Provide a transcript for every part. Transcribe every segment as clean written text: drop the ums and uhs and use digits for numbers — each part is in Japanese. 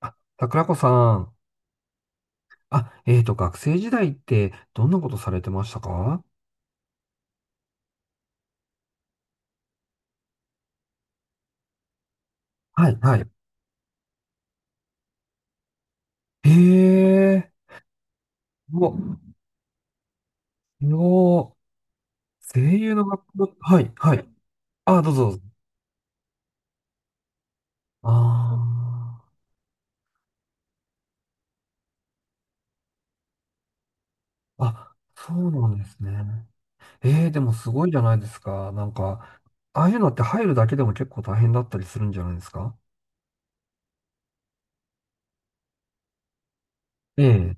あ、桜子さん。あ、学生時代ってどんなことされてましたか？はい、はい。ええー、お、すごい。声優の学校、はい、はい。あ、どうぞどうぞ。ああ、あ、そうなんですね。ええー、でもすごいじゃないですか。ああいうのって入るだけでも結構大変だったりするんじゃないですか？ええ。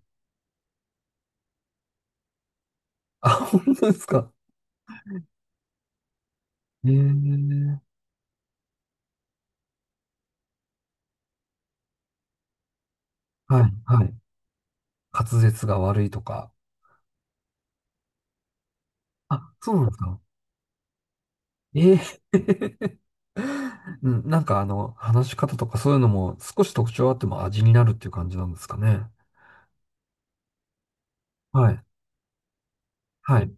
あ、本当ですか。ええー、はい、はい。滑舌が悪いとか。あ、そうなんですか。ええー、うん、話し方とかそういうのも少し特徴あっても味になるっていう感じなんですかね？はい。はい。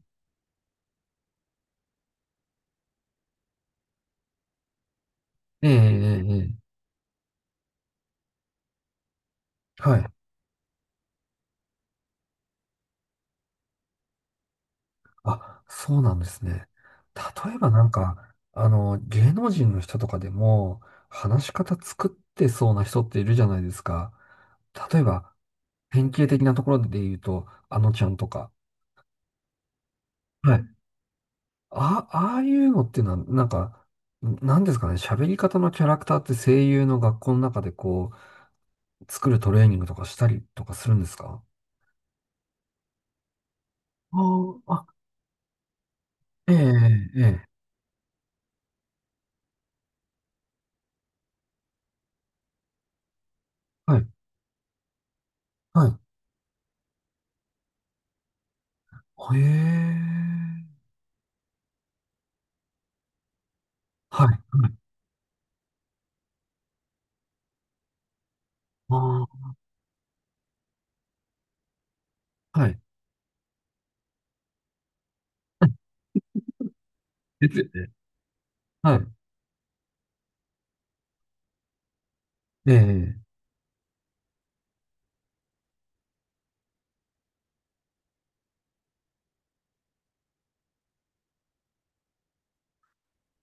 ええ、ええ、ええ。はい。あ、そうなんですね。例えば芸能人の人とかでも、話し方作ってそうな人っているじゃないですか。例えば、典型的なところで言うと、あのちゃんとか。はい。あ、ああいうのっていうのは、なんですかね、喋り方のキャラクターって声優の学校の中でこう、作るトレーニングとかしたりとかするんですか？あーあ、ええ、ええ、ええ、はい、はい。へえ、はい、はい。ああ、はい。ですよね。はい。ええ、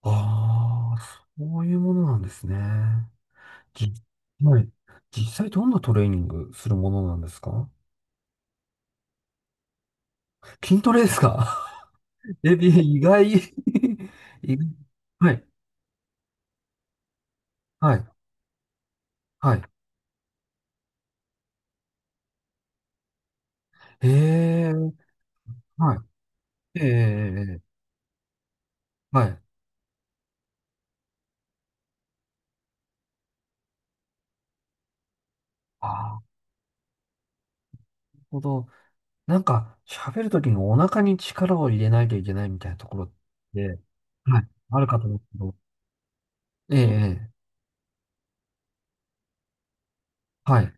ああ、そういうものなんですね。じ、はい。実際どんなトレーニングするものなんですか？筋トレですか？ え、意外。 意外。はい、はい、はい。ええ、はい。ええ、ええ、はい。ああ、なるほど。喋るときにお腹に力を入れないといけないみたいなところって、はい、あるかと思うんですけど、ええ、ええ、はい。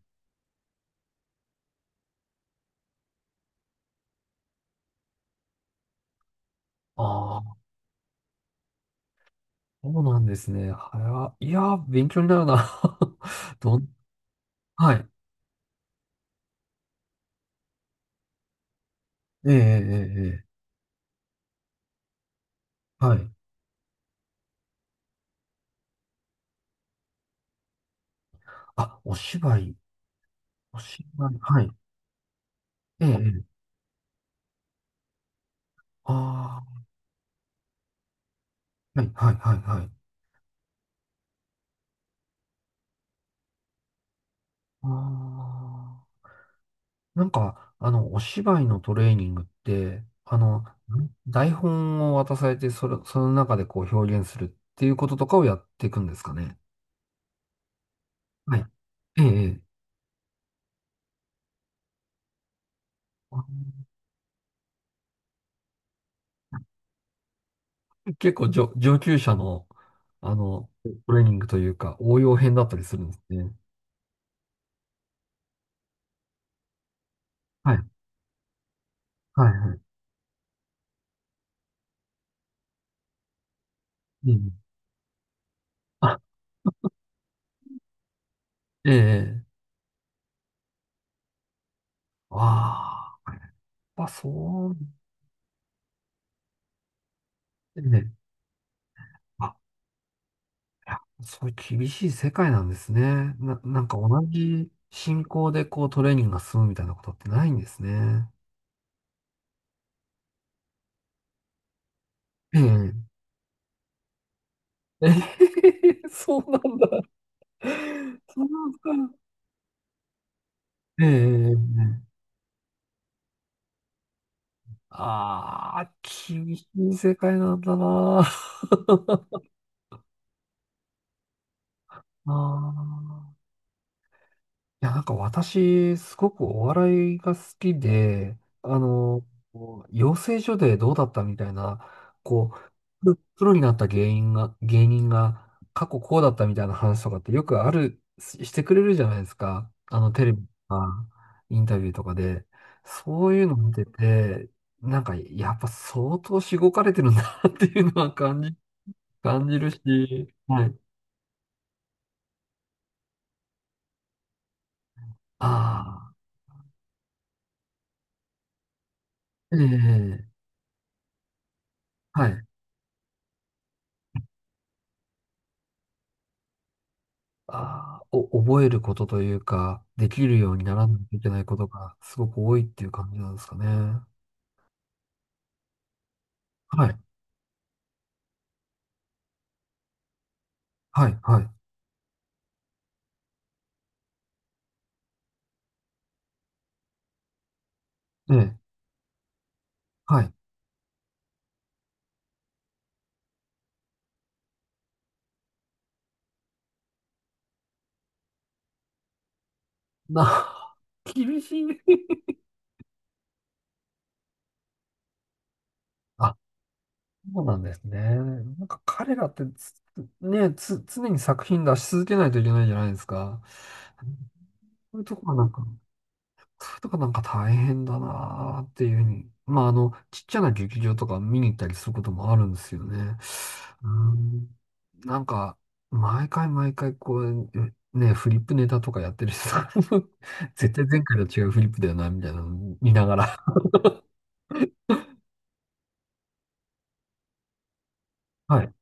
ああ、そうなんですね。いやー、勉強になるな。どん、はい。ええ、ええ、ええ、ええ、はい。あ、お芝居、お芝居、はい。ええ、ええ、ああ、はい、はい、はい、はい。ああ。お芝居のトレーニングって、台本を渡されて、その中でこう表現するっていうこととかをやっていくんですかね？はい。ええ、ええ、あ、結構上級者の、あの、トレーニングというか、応用編だったりするんですね。はい、はい、はい。ええ、あ、ええ、ええ、ああ、やっぱそう、ええ、あ、いやそういう厳しい世界なんですね。なんか同じ進行でこうトレーニングが進むみたいなことってないんですね。ええ。ええ、そうなんだ。そうなんですか。ええ、ああ、厳しい世界なんだな。ああ。いや、私、すごくお笑いが好きで、こう養成所でどうだったみたいな、こう、ププロになった芸人が過去こうだったみたいな話とかってよくある、してくれるじゃないですか。テレビとか、インタビューとかで。そういうの見てて、やっぱ相当しごかれてるんだなっていうのは感じるし、はい。ああ、ええ、はい。あー、お、覚えることというか、できるようにならないといけないことがすごく多いっていう感じなんですかね？はい、はい、はい。ええ、はい。な、厳しい。あ、そうなんですね。彼らってつ、ね、つ、常に作品出し続けないといけないじゃないですか。そういうとこがなんか、そういうとこなんか大変だなーっていうふうに。まあ、ちっちゃな劇場とか見に行ったりすることもあるんですよね。うん、なんか、毎回毎回こう、ね、フリップネタとかやってる人が 絶対前回と違うフリップだよな、みたいなの見ながら。はい。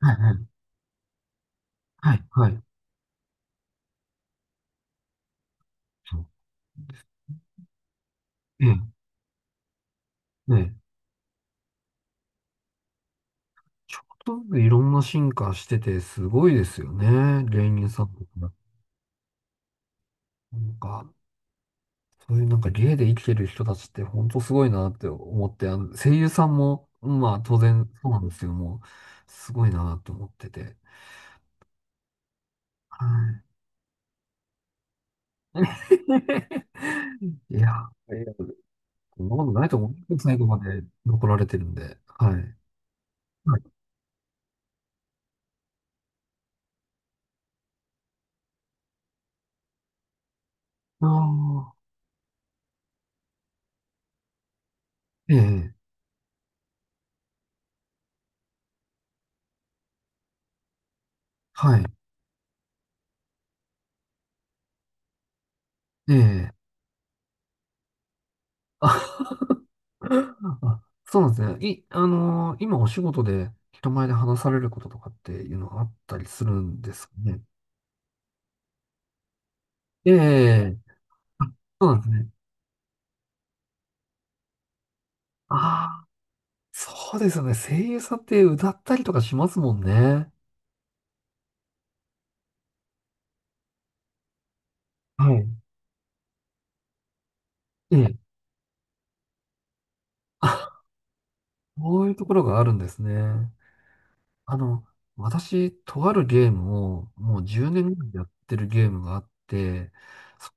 はい、はい、はい。はい、そう、ええ、ねえ。ちょっとずついろんな進化してて、すごいですよね。芸人さんとか。なんか、そういう芸で生きてる人たちって本当すごいなって思って、声優さんも、まあ当然そうなんですけども、すごいなと思ってて。はい。 いや、いや、そんなことないと思うんです。最後まで残られてるんで。はい。はい。ああ、ええ、はい。ええ。あ、あ、そうなんですね。い、あのー今お仕事で人前で話されることとかっていうのはあったりするんですかね？ええ。あ、そうなんですね。ああ、そうですよね。声優さんって歌ったりとかしますもんね。はい。ええ。あ、こういうところがあるんですね。あの、私、とあるゲームをもう10年ぐらいやってるゲームがあって、そ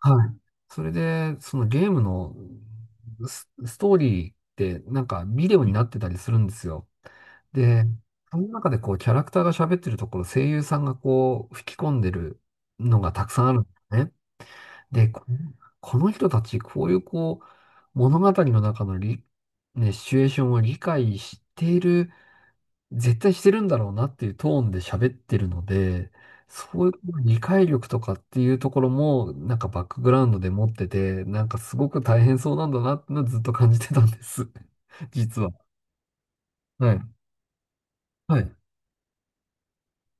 はい。それで、そのゲームのストーリーってビデオになってたりするんですよ。で、その中でこうキャラクターが喋ってるところ、声優さんがこう吹き込んでるのがたくさんあるんですね。で、ここの人たち、こういうこう、物語の中のり、ね、シチュエーションを理解している、絶対してるんだろうなっていうトーンで喋ってるので、そういう理解力とかっていうところも、バックグラウンドで持ってて、すごく大変そうなんだなってのはずっと感じてたんです。実は。はい。はい。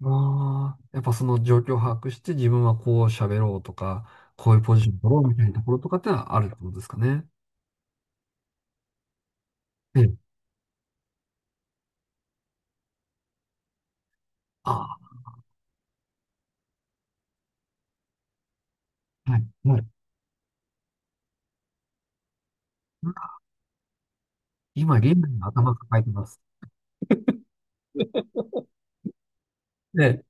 ああ、やっぱその状況を把握して自分はこう喋ろうとか、こういうポジション取ろうみたいなところとかってのはあるってことですかね？ええ。ああ、はい。はい。今、現代の頭抱えてます。ええ、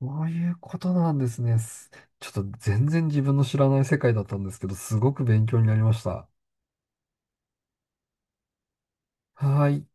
そういうことなんですね。ちょっと全然自分の知らない世界だったんですけど、すごく勉強になりました。はーい。